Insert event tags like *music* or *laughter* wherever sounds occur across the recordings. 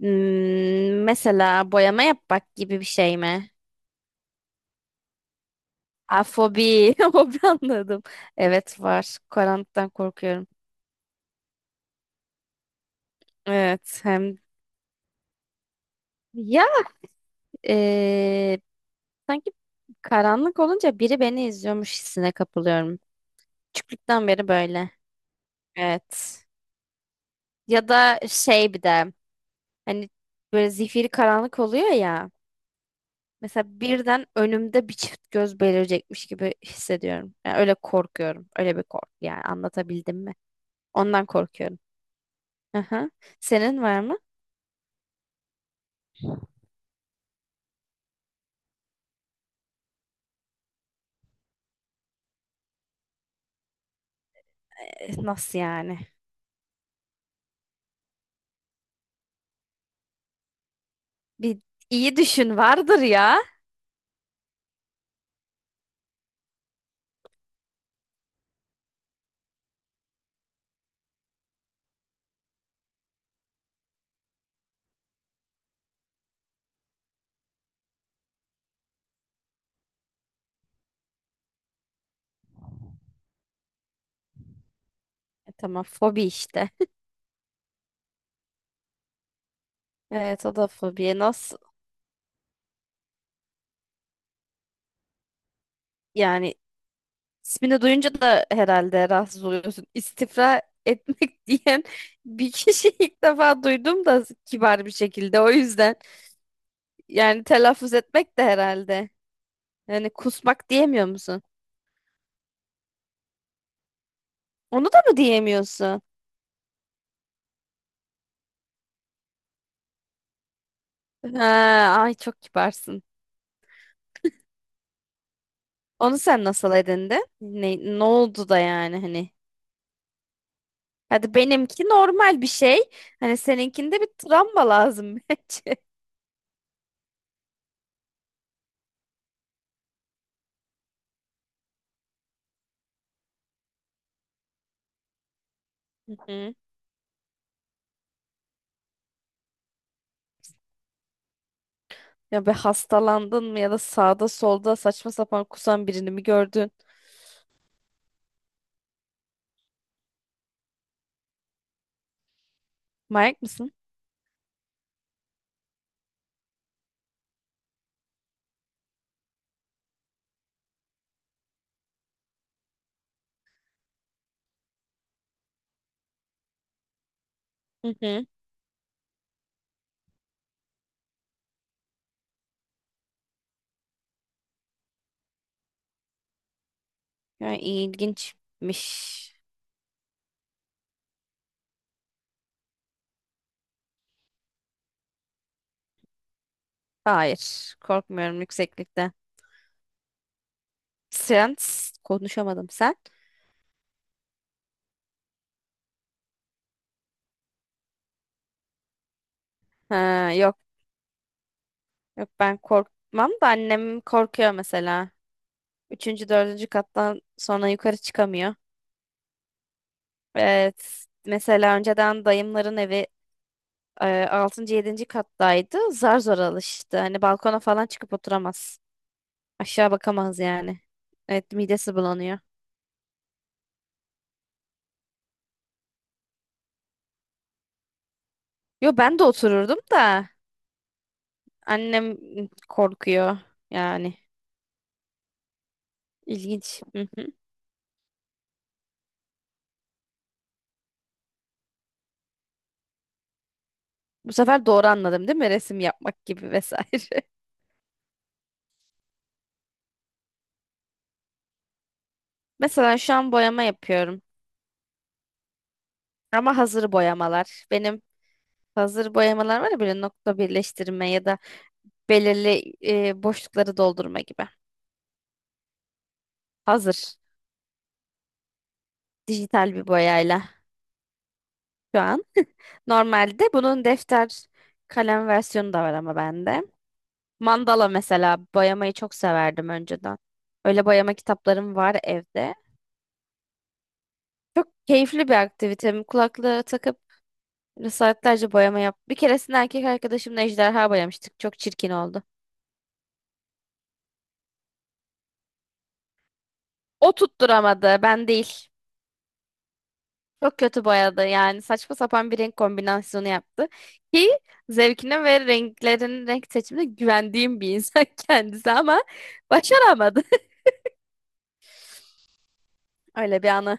Mesela boyama yapmak gibi bir şey mi? Afobi. *laughs* Hobi anladım. Evet var. Karanlıktan korkuyorum. Evet hem ya eee, sanki karanlık olunca biri beni izliyormuş hissine kapılıyorum. Küçüklükten beri böyle. Evet. Ya da şey bir de hani böyle zifiri karanlık oluyor ya. Mesela birden önümde bir çift göz belirecekmiş gibi hissediyorum. Yani öyle korkuyorum. Öyle bir korku, yani anlatabildim mi? Ondan korkuyorum. Aha. Senin var mı? E, nasıl yani? Bir iyi düşün vardır ya. E, tamam fobi işte. *laughs* Evet o da fobi. Nasıl yani, ismini duyunca da herhalde rahatsız oluyorsun. İstifra etmek *laughs* diyen bir kişi, *laughs* ilk defa duydum da, kibar bir şekilde o yüzden. Yani telaffuz etmek de herhalde. Yani kusmak diyemiyor musun? Onu da mı diyemiyorsun? *laughs* Ha, ay çok kibarsın. Onu sen nasıl edindin? Ne, ne oldu da yani hani? Hadi benimki normal bir şey. Hani seninkinde bir travma lazım *laughs* bence. Hı hı. Ya be, hastalandın mı ya da sağda solda saçma sapan kusan birini mi gördün? Manyak mısın? Hı hı. Yani ilginçmiş. Hayır. Korkmuyorum yükseklikten. Sen konuşamadım, sen. Ha, yok. Yok, ben korkmam da annem korkuyor mesela. Üçüncü, dördüncü kattan sonra yukarı çıkamıyor. Evet. Mesela önceden dayımların evi e, 6. 7. kattaydı. Zar zor alıştı. Hani balkona falan çıkıp oturamaz. Aşağı bakamaz yani. Evet, midesi bulanıyor. Yo, ben de otururdum da annem korkuyor yani. İlginç. Hı hı. Bu sefer doğru anladım değil mi? Resim yapmak gibi vesaire. *laughs* Mesela şu an boyama yapıyorum. Ama hazır boyamalar. Benim hazır boyamalar var ya, böyle nokta birleştirme ya da belirli boşlukları doldurma gibi. Hazır. Dijital bir boyayla. Şu an. *laughs* Normalde bunun defter kalem versiyonu da var ama bende. Mandala mesela boyamayı çok severdim önceden. Öyle boyama kitaplarım var evde. Çok keyifli bir aktivitem. Kulaklığı takıp saatlerce boyama yap. Bir keresinde erkek arkadaşımla ejderha boyamıştık. Çok çirkin oldu. O tutturamadı, ben değil. Çok kötü boyadı, yani saçma sapan bir renk kombinasyonu yaptı. Ki zevkine ve renklerin renk seçimine güvendiğim bir insan *laughs* kendisi, ama başaramadı. Öyle bir anı.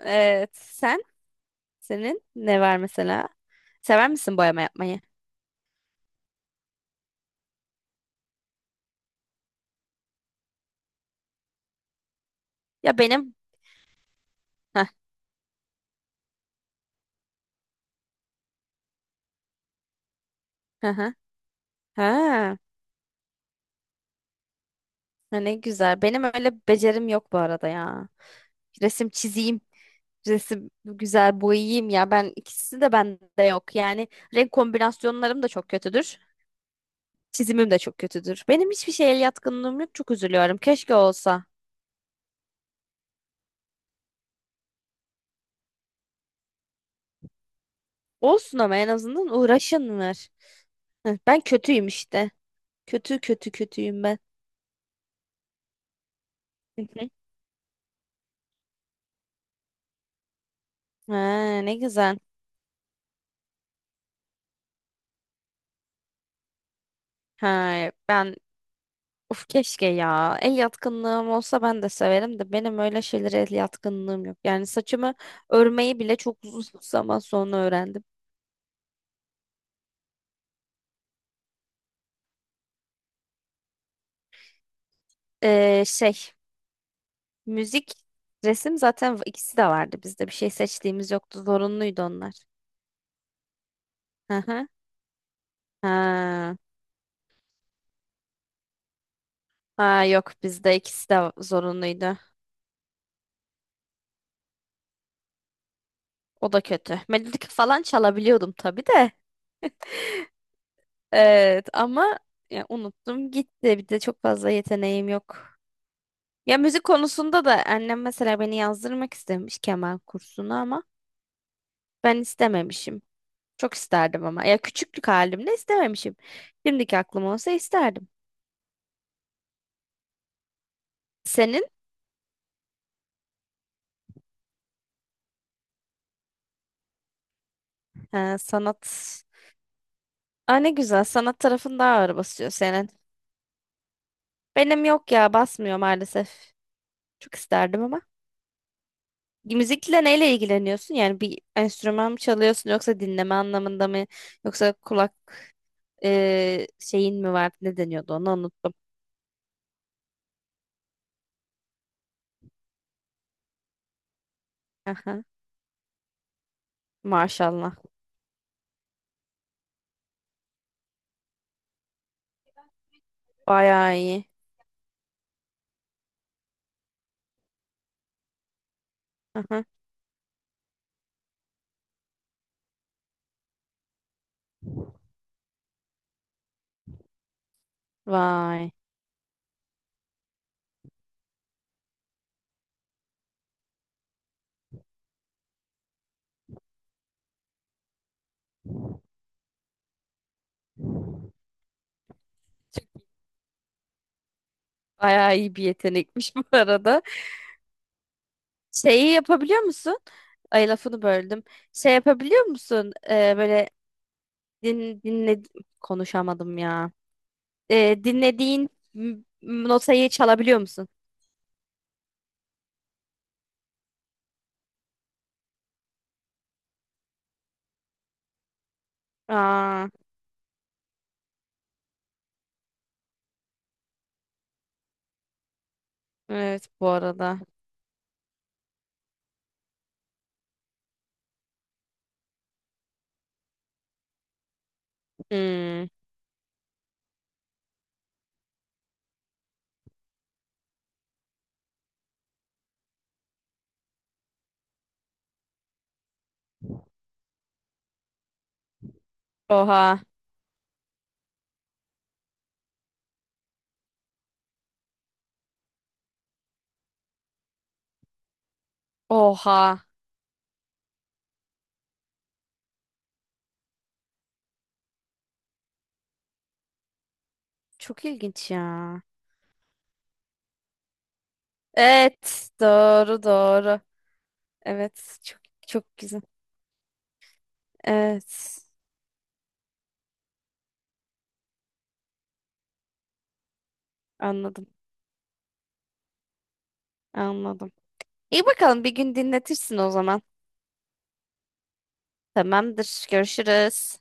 Evet. Sen? Senin ne var mesela? Sever misin boyama yapmayı? Ya benim... Heh, hı hı. Ha, ha, ne güzel. Benim öyle becerim yok bu arada ya. Resim çizeyim. Resim güzel boyayayım ya. Ben, ikisi de bende yok. Yani renk kombinasyonlarım da çok kötüdür. Çizimim de çok kötüdür. Benim hiçbir şeye el yatkınlığım yok. Çok üzülüyorum. Keşke olsa. Olsun, ama en azından uğraşınlar. Heh, ben kötüyüm işte. Kötü kötü kötüyüm ben. *laughs* Ha, ne güzel. Ha, ben uf keşke ya. El yatkınlığım olsa ben de severim de benim öyle şeylere el yatkınlığım yok. Yani saçımı örmeyi bile çok uzun *laughs* zaman sonra öğrendim. Şey, müzik, resim zaten ikisi de vardı bizde. Bir şey seçtiğimiz yoktu. Zorunluydu onlar. Hı hı. Ha. Ha, yok, bizde ikisi de zorunluydu. O da kötü. Melodik falan çalabiliyordum tabii de. Evet ama ya, unuttum gitti. Bir de çok fazla yeteneğim yok. Ya müzik konusunda da annem mesela beni yazdırmak istemiş keman kursuna, ama ben istememişim. Çok isterdim ama. Ya küçüklük halimde istememişim. Şimdiki aklım olsa isterdim. Senin Ha, sanat. Aa, ne güzel, sanat tarafın daha ağır basıyor senin. Benim yok ya, basmıyor maalesef. Çok isterdim ama. Müzikle neyle ilgileniyorsun? Yani bir enstrüman mı çalıyorsun, yoksa dinleme anlamında mı? Yoksa kulak şeyin mi var? Ne deniyordu, onu unuttum. Aha, maşallah. Bayağı iyi. Aha. Vay. Bayağı iyi bir yetenekmiş *laughs* bu arada. Şeyi yapabiliyor musun? Ay, lafını böldüm. Şey yapabiliyor musun? Böyle din, dinle konuşamadım ya. Dinlediğin notayı çalabiliyor musun? Aa, evet bu arada. Hmm. Oha. Oha. Çok ilginç ya. Evet. Doğru doğru. Evet. Çok çok güzel. Evet. Anladım. Anladım. İyi bakalım, bir gün dinletirsin o zaman. Tamamdır. Görüşürüz.